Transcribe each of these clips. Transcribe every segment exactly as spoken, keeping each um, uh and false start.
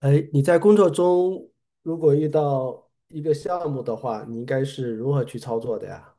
哎，你在工作中如果遇到一个项目的话，你应该是如何去操作的呀？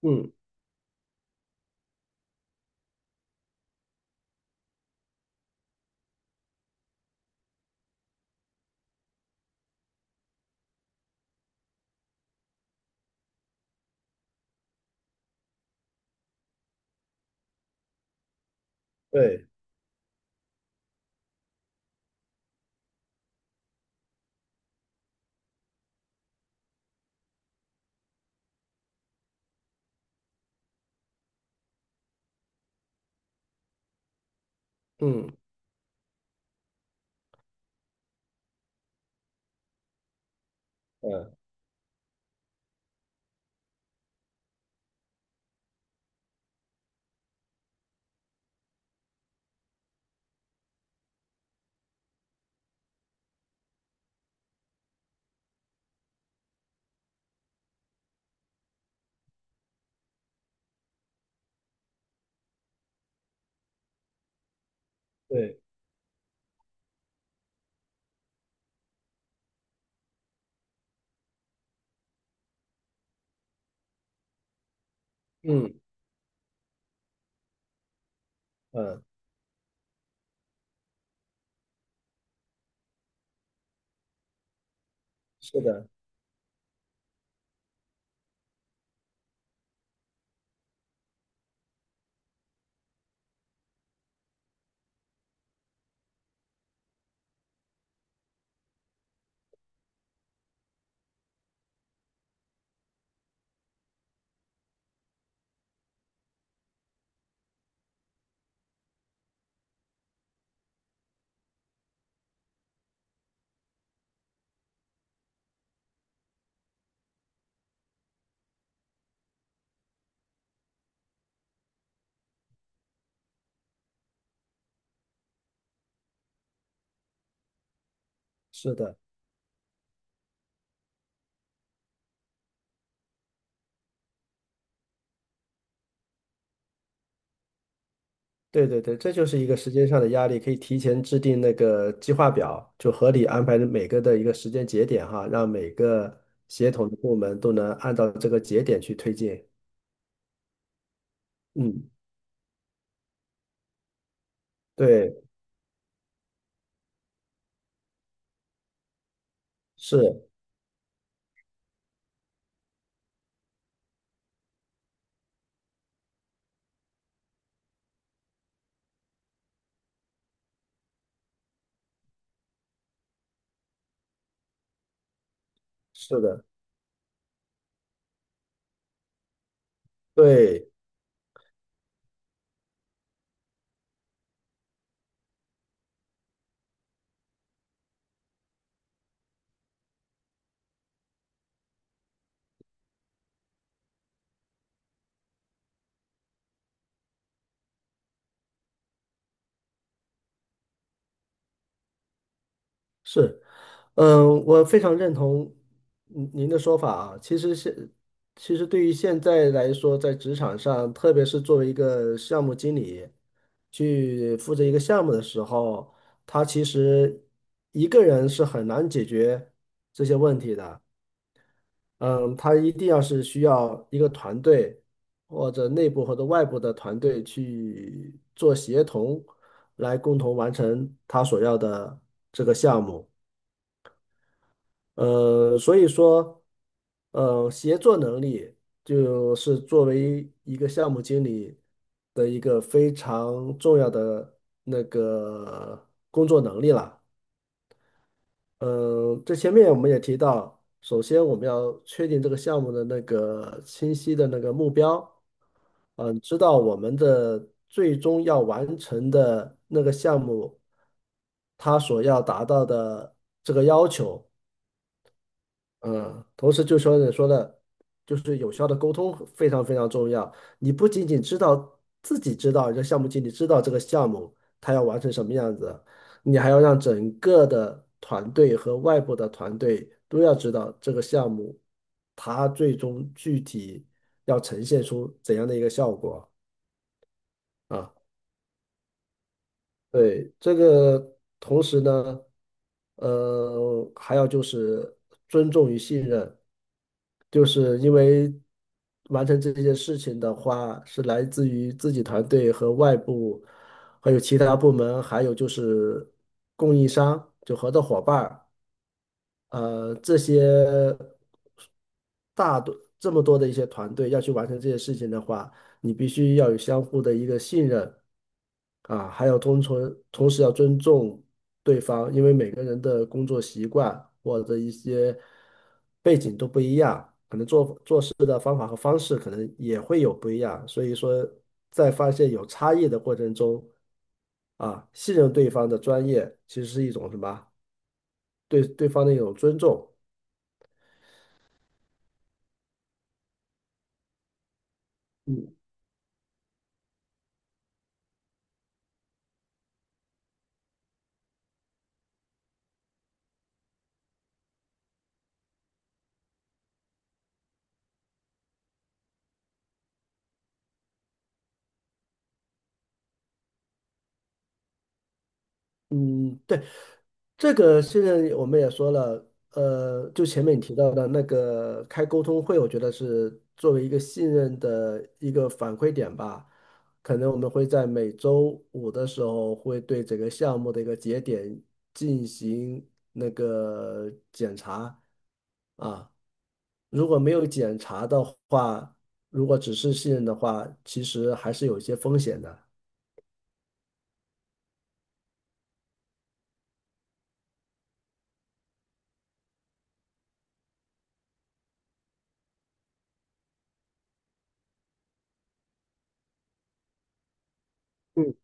嗯，对，嗯嗯，对，嗯嗯，是的，是的，对对对，这就是一个时间上的压力，可以提前制定那个计划表，就合理安排每个的一个时间节点哈，让每个协同的部门都能按照这个节点去推进。嗯，对，是是的，对，是。嗯，我非常认同您您的说法啊。其实现，其实对于现在来说，在职场上，特别是作为一个项目经理，去负责一个项目的时候，他其实一个人是很难解决这些问题的。嗯，他一定要是需要一个团队，或者内部或者外部的团队去做协同，来共同完成他所要的这个项目。呃，所以说，呃，协作能力就是作为一个项目经理的一个非常重要的那个工作能力了。嗯，这前面我们也提到，首先我们要确定这个项目的那个清晰的那个目标，嗯，知道我们的最终要完成的那个项目，它所要达到的这个要求。嗯，同时就说你说的，就是有效的沟通非常非常重要。你不仅仅知道自己知道这项目经理知道这个项目他要完成什么样子，你还要让整个的团队和外部的团队都要知道这个项目他最终具体要呈现出怎样的一个效果啊。对，这个同时呢，呃，还要就是尊重与信任，就是因为完成这件事情的话，是来自于自己团队和外部，还有其他部门，还有就是供应商，就合作伙伴儿。呃，这些大多这么多的一些团队要去完成这些事情的话，你必须要有相互的一个信任啊，还有同存，同时要尊重对方，因为每个人的工作习惯或者一些背景都不一样，可能做做事的方法和方式可能也会有不一样，所以说在发现有差异的过程中啊，信任对方的专业其实是一种什么？对对方的一种尊重。嗯嗯，这个现在我们也说了，呃，就前面你提到的那个开沟通会，我觉得是作为一个信任的一个反馈点吧。可能我们会在每周五的时候，会对整个项目的一个节点进行那个检查啊。如果没有检查的话，如果只是信任的话，其实还是有一些风险的。嗯。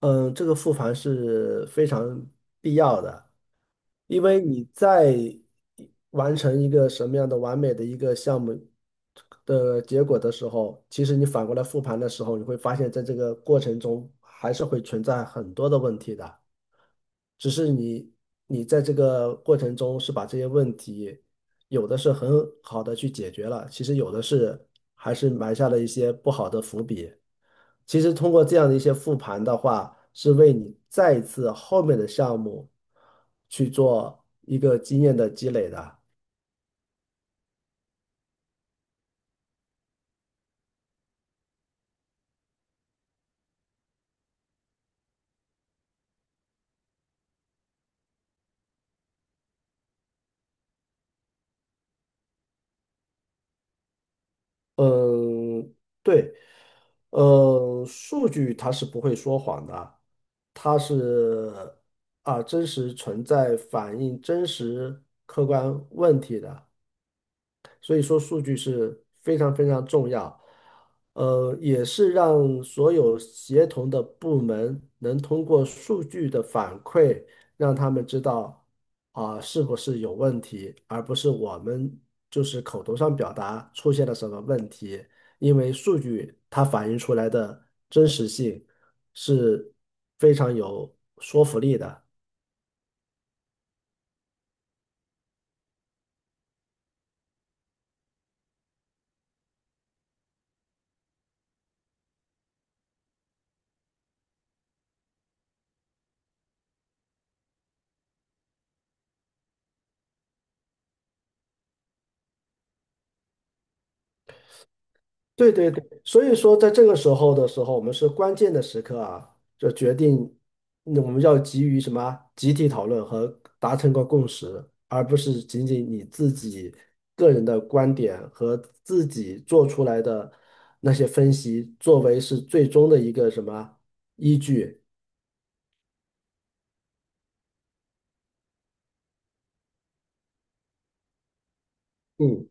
嗯，这个复盘是非常必要的，因为你在完成一个什么样的完美的一个项目的结果的时候，其实你反过来复盘的时候，你会发现在这个过程中还是会存在很多的问题的，只是你你在这个过程中是把这些问题。有的是很好的去解决了，其实有的是还是埋下了一些不好的伏笔。其实通过这样的一些复盘的话，是为你再一次后面的项目去做一个经验的积累的。嗯，对，嗯，数据它是不会说谎的，它是啊真实存在、反映真实客观问题的。所以说数据是非常非常重要，呃，也是让所有协同的部门能通过数据的反馈，让他们知道啊，是不是有问题，而不是我们就是口头上表达出现了什么问题，因为数据它反映出来的真实性是非常有说服力的。对对对，所以说在这个时候的时候，我们是关键的时刻啊，就决定那我们要急于什么集体讨论和达成个共识，而不是仅仅你自己个人的观点和自己做出来的那些分析作为是最终的一个什么依据。嗯，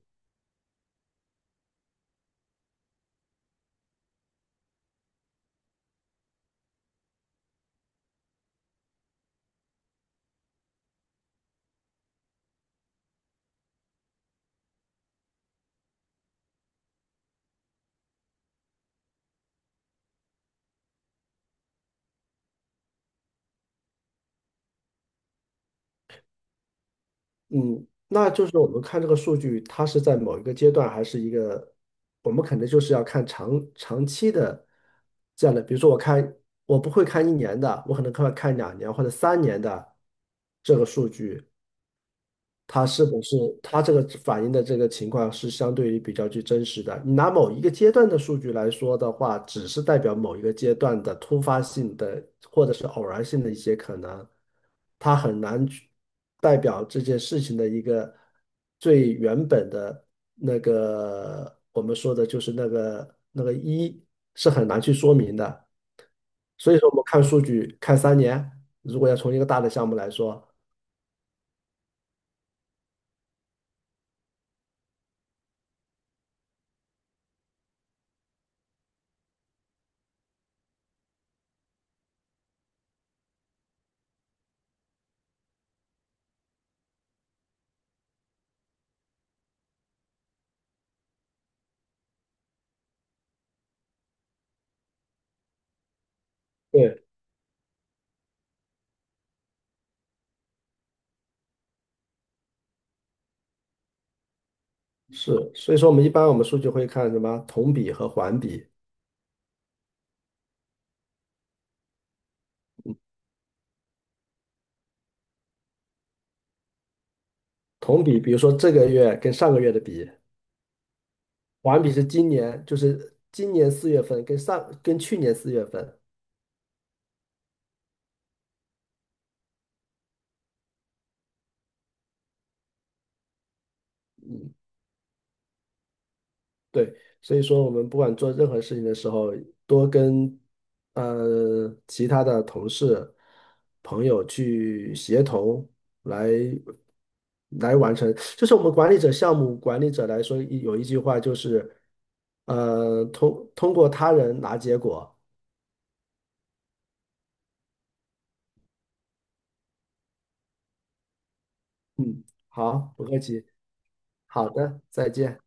嗯，那就是我们看这个数据，它是在某一个阶段，还是一个，我们可能就是要看长长期的这样的。比如说，我看我不会看一年的，我可能看看两年或者三年的这个数据，它是不是它这个反映的这个情况是相对于比较具真实的。你拿某一个阶段的数据来说的话，只是代表某一个阶段的突发性的或者是偶然性的一些可能，它很难去代表这件事情的一个最原本的那个我们说的就是那个那个一是很难去说明的。所以说，我们看数据看三年，如果要从一个大的项目来说。对。是，所以说我们一般我们数据会看什么同比和环比。同比，比如说这个月跟上个月的比，环比是今年，就是今年四月份跟上跟去年四月份。嗯，对。所以说我们不管做任何事情的时候，多跟呃其他的同事、朋友去协同来来完成。就是我们管理者、项目管理者来说，有一句话就是，呃，通通过他人拿结果。嗯，好，不客气。好的，再见。